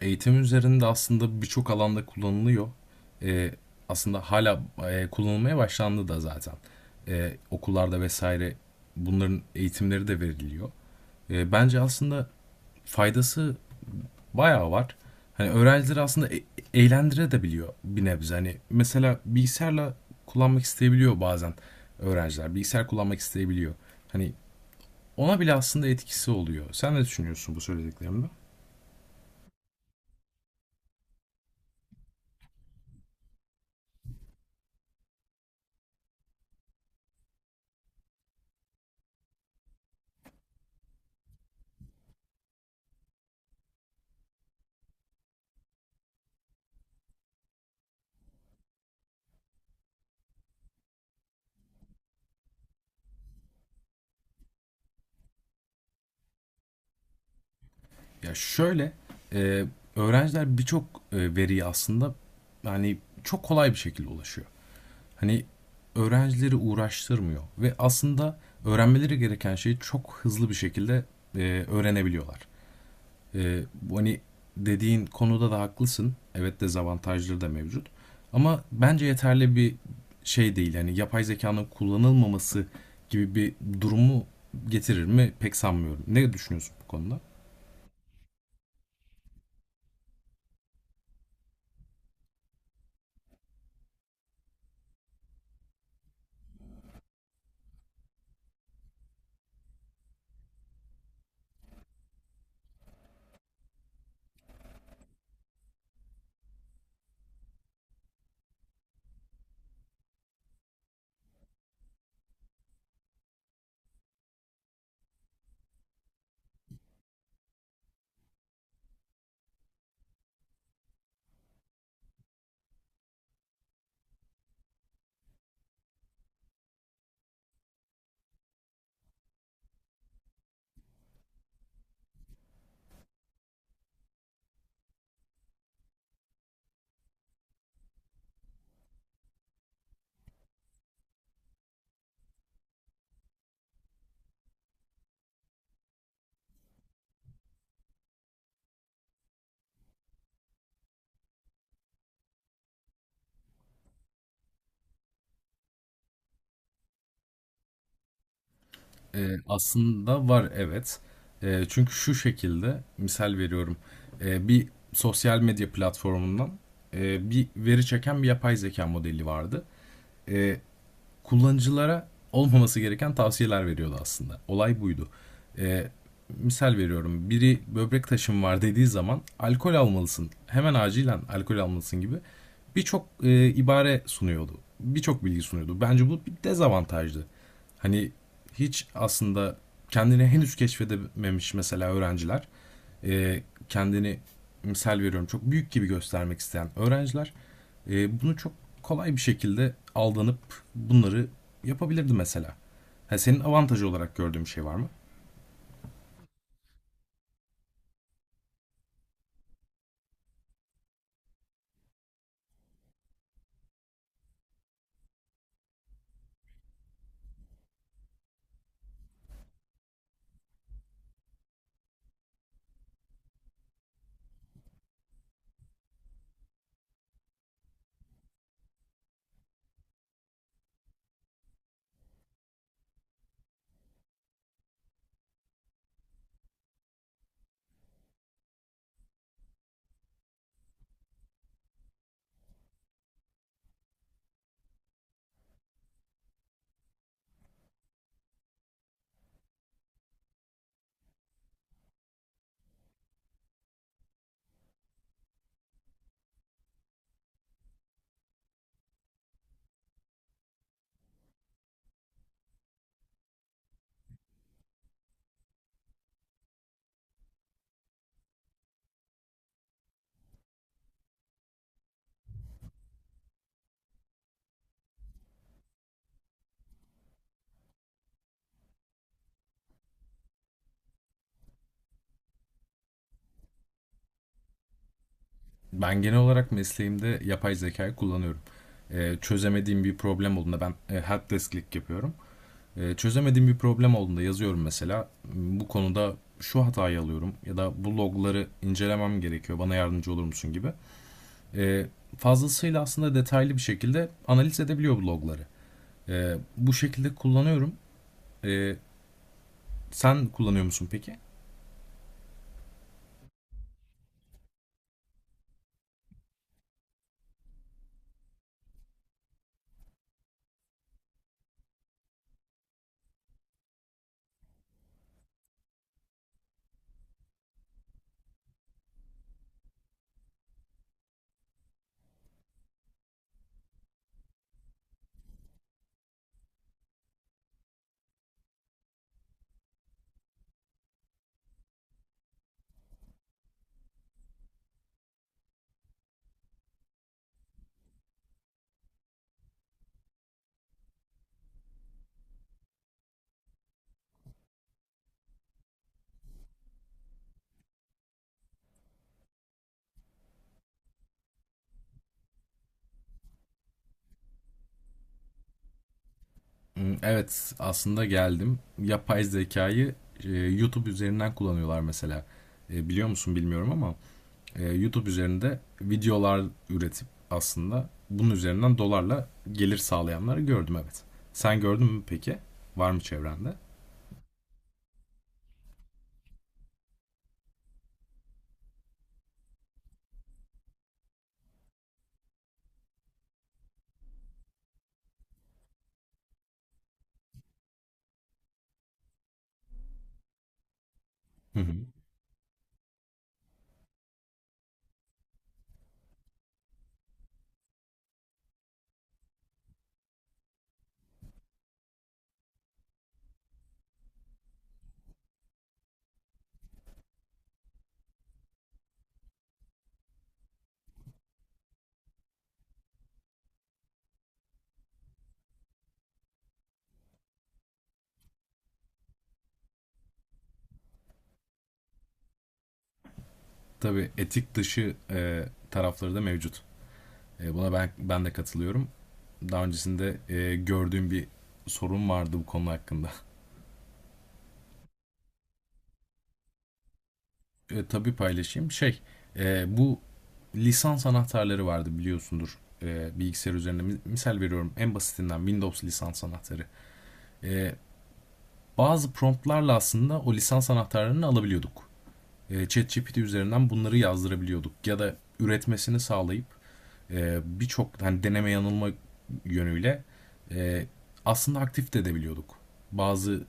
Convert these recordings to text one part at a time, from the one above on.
Eğitim üzerinde aslında birçok alanda kullanılıyor. Ee, Aslında hala kullanılmaya başlandı da zaten. Okullarda vesaire bunların eğitimleri de veriliyor. Bence aslında faydası bayağı var. Hani öğrencileri aslında eğlendire biliyor bir nebze. Hani mesela bilgisayarla kullanmak isteyebiliyor bazen öğrenciler. Bilgisayar kullanmak isteyebiliyor. Hani ona bile aslında etkisi oluyor. Sen ne düşünüyorsun bu söylediklerimde? Ya şöyle, e, öğrenciler birçok veriye aslında yani çok kolay bir şekilde ulaşıyor. Hani öğrencileri uğraştırmıyor ve aslında öğrenmeleri gereken şeyi çok hızlı bir şekilde öğrenebiliyorlar. Bu hani dediğin konuda da haklısın. Evet, dezavantajları da mevcut. Ama bence yeterli bir şey değil. Yani yapay zekanın kullanılmaması gibi bir durumu getirir mi pek sanmıyorum. Ne düşünüyorsun bu konuda? Aslında var, evet. Çünkü şu şekilde misal veriyorum. Bir sosyal medya platformundan bir veri çeken bir yapay zeka modeli vardı. Ee, Kullanıcılara olmaması gereken tavsiyeler veriyordu aslında. Olay buydu. Ee, Misal veriyorum, biri böbrek taşım var dediği zaman alkol almalısın, hemen acilen alkol almalısın gibi birçok ibare sunuyordu. Birçok bilgi sunuyordu. Bence bu bir dezavantajdı. Hani hiç aslında kendini henüz keşfedememiş mesela öğrenciler, e, kendini misal veriyorum çok büyük gibi göstermek isteyen öğrenciler bunu çok kolay bir şekilde aldanıp bunları yapabilirdi mesela. Ha, senin avantajı olarak gördüğün bir şey var mı? Ben genel olarak mesleğimde yapay zekayı kullanıyorum. E, çözemediğim bir problem olduğunda ben helpdesklik yapıyorum. E, çözemediğim bir problem olduğunda yazıyorum mesela. Bu konuda şu hatayı alıyorum ya da bu logları incelemem gerekiyor. Bana yardımcı olur musun gibi. E, Fazlasıyla aslında detaylı bir şekilde analiz edebiliyor bu logları. E, bu şekilde kullanıyorum. E, Sen kullanıyor musun peki? Hmm. Evet, aslında geldim. Yapay zekayı YouTube üzerinden kullanıyorlar mesela. E, biliyor musun bilmiyorum ama YouTube üzerinde videolar üretip aslında bunun üzerinden dolarla gelir sağlayanları gördüm, evet. Sen gördün mü peki? Var mı çevrende? Hı hı. Tabii, etik dışı tarafları da mevcut. E, buna ben de katılıyorum. Daha öncesinde gördüğüm bir sorun vardı bu konu hakkında. E, tabii paylaşayım. Şey, bu lisans anahtarları vardı biliyorsundur, bilgisayar üzerinde. Misal veriyorum, en basitinden Windows lisans anahtarı. E, Bazı promptlarla aslında o lisans anahtarlarını alabiliyorduk. E, ChatGPT üzerinden bunları yazdırabiliyorduk. Ya da üretmesini sağlayıp birçok hani deneme yanılma yönüyle e, aslında aktif de edebiliyorduk. Bazı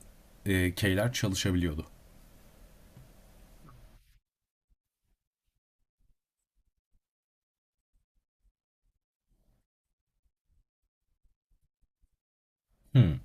keyler çalışabiliyordu. Hmm,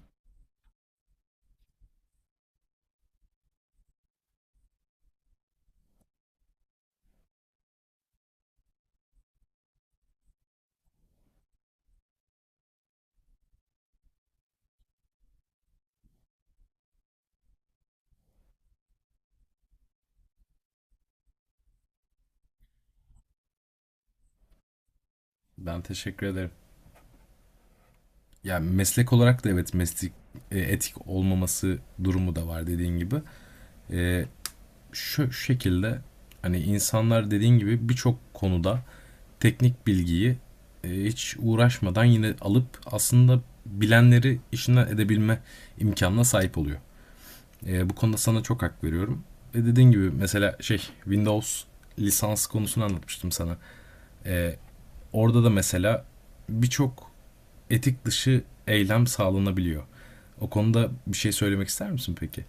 ben teşekkür ederim. Ya, meslek olarak da evet, meslek etik olmaması durumu da var dediğin gibi. E, şu şekilde hani insanlar dediğin gibi birçok konuda teknik bilgiyi hiç uğraşmadan yine alıp aslında bilenleri işinden edebilme imkanına sahip oluyor. E, bu konuda sana çok hak veriyorum. Ve dediğin gibi mesela şey, Windows lisans konusunu anlatmıştım sana. E, Orada da mesela birçok etik dışı eylem sağlanabiliyor. O konuda bir şey söylemek ister misin peki?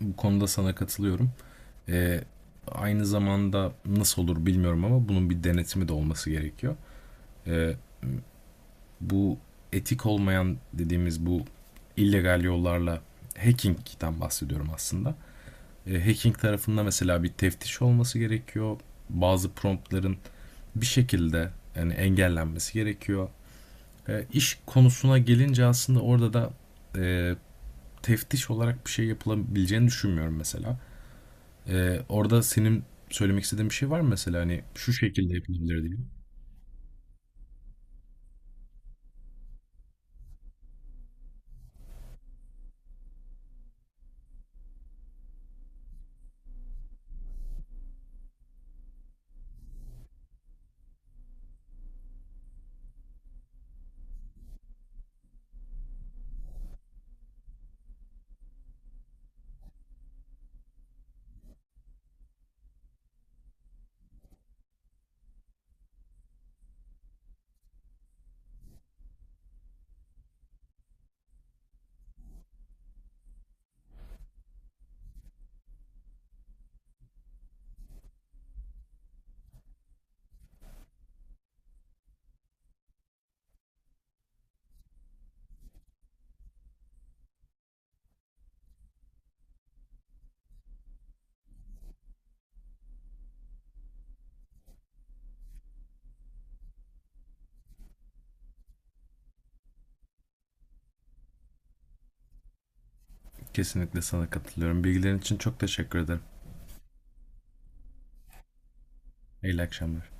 Bu konuda sana katılıyorum. Ee, Aynı zamanda nasıl olur bilmiyorum ama bunun bir denetimi de olması gerekiyor. Ee, Bu etik olmayan dediğimiz bu illegal yollarla hacking'den bahsediyorum aslında. Hacking tarafında mesela bir teftiş olması gerekiyor. Bazı promptların bir şekilde yani engellenmesi gerekiyor. İş konusuna gelince aslında orada da e, teftiş olarak bir şey yapılabileceğini düşünmüyorum mesela. Orada senin söylemek istediğin bir şey var mı mesela, hani şu şekilde yapılabilir diye? Kesinlikle sana katılıyorum. Bilgilerin için çok teşekkür ederim. İyi akşamlar.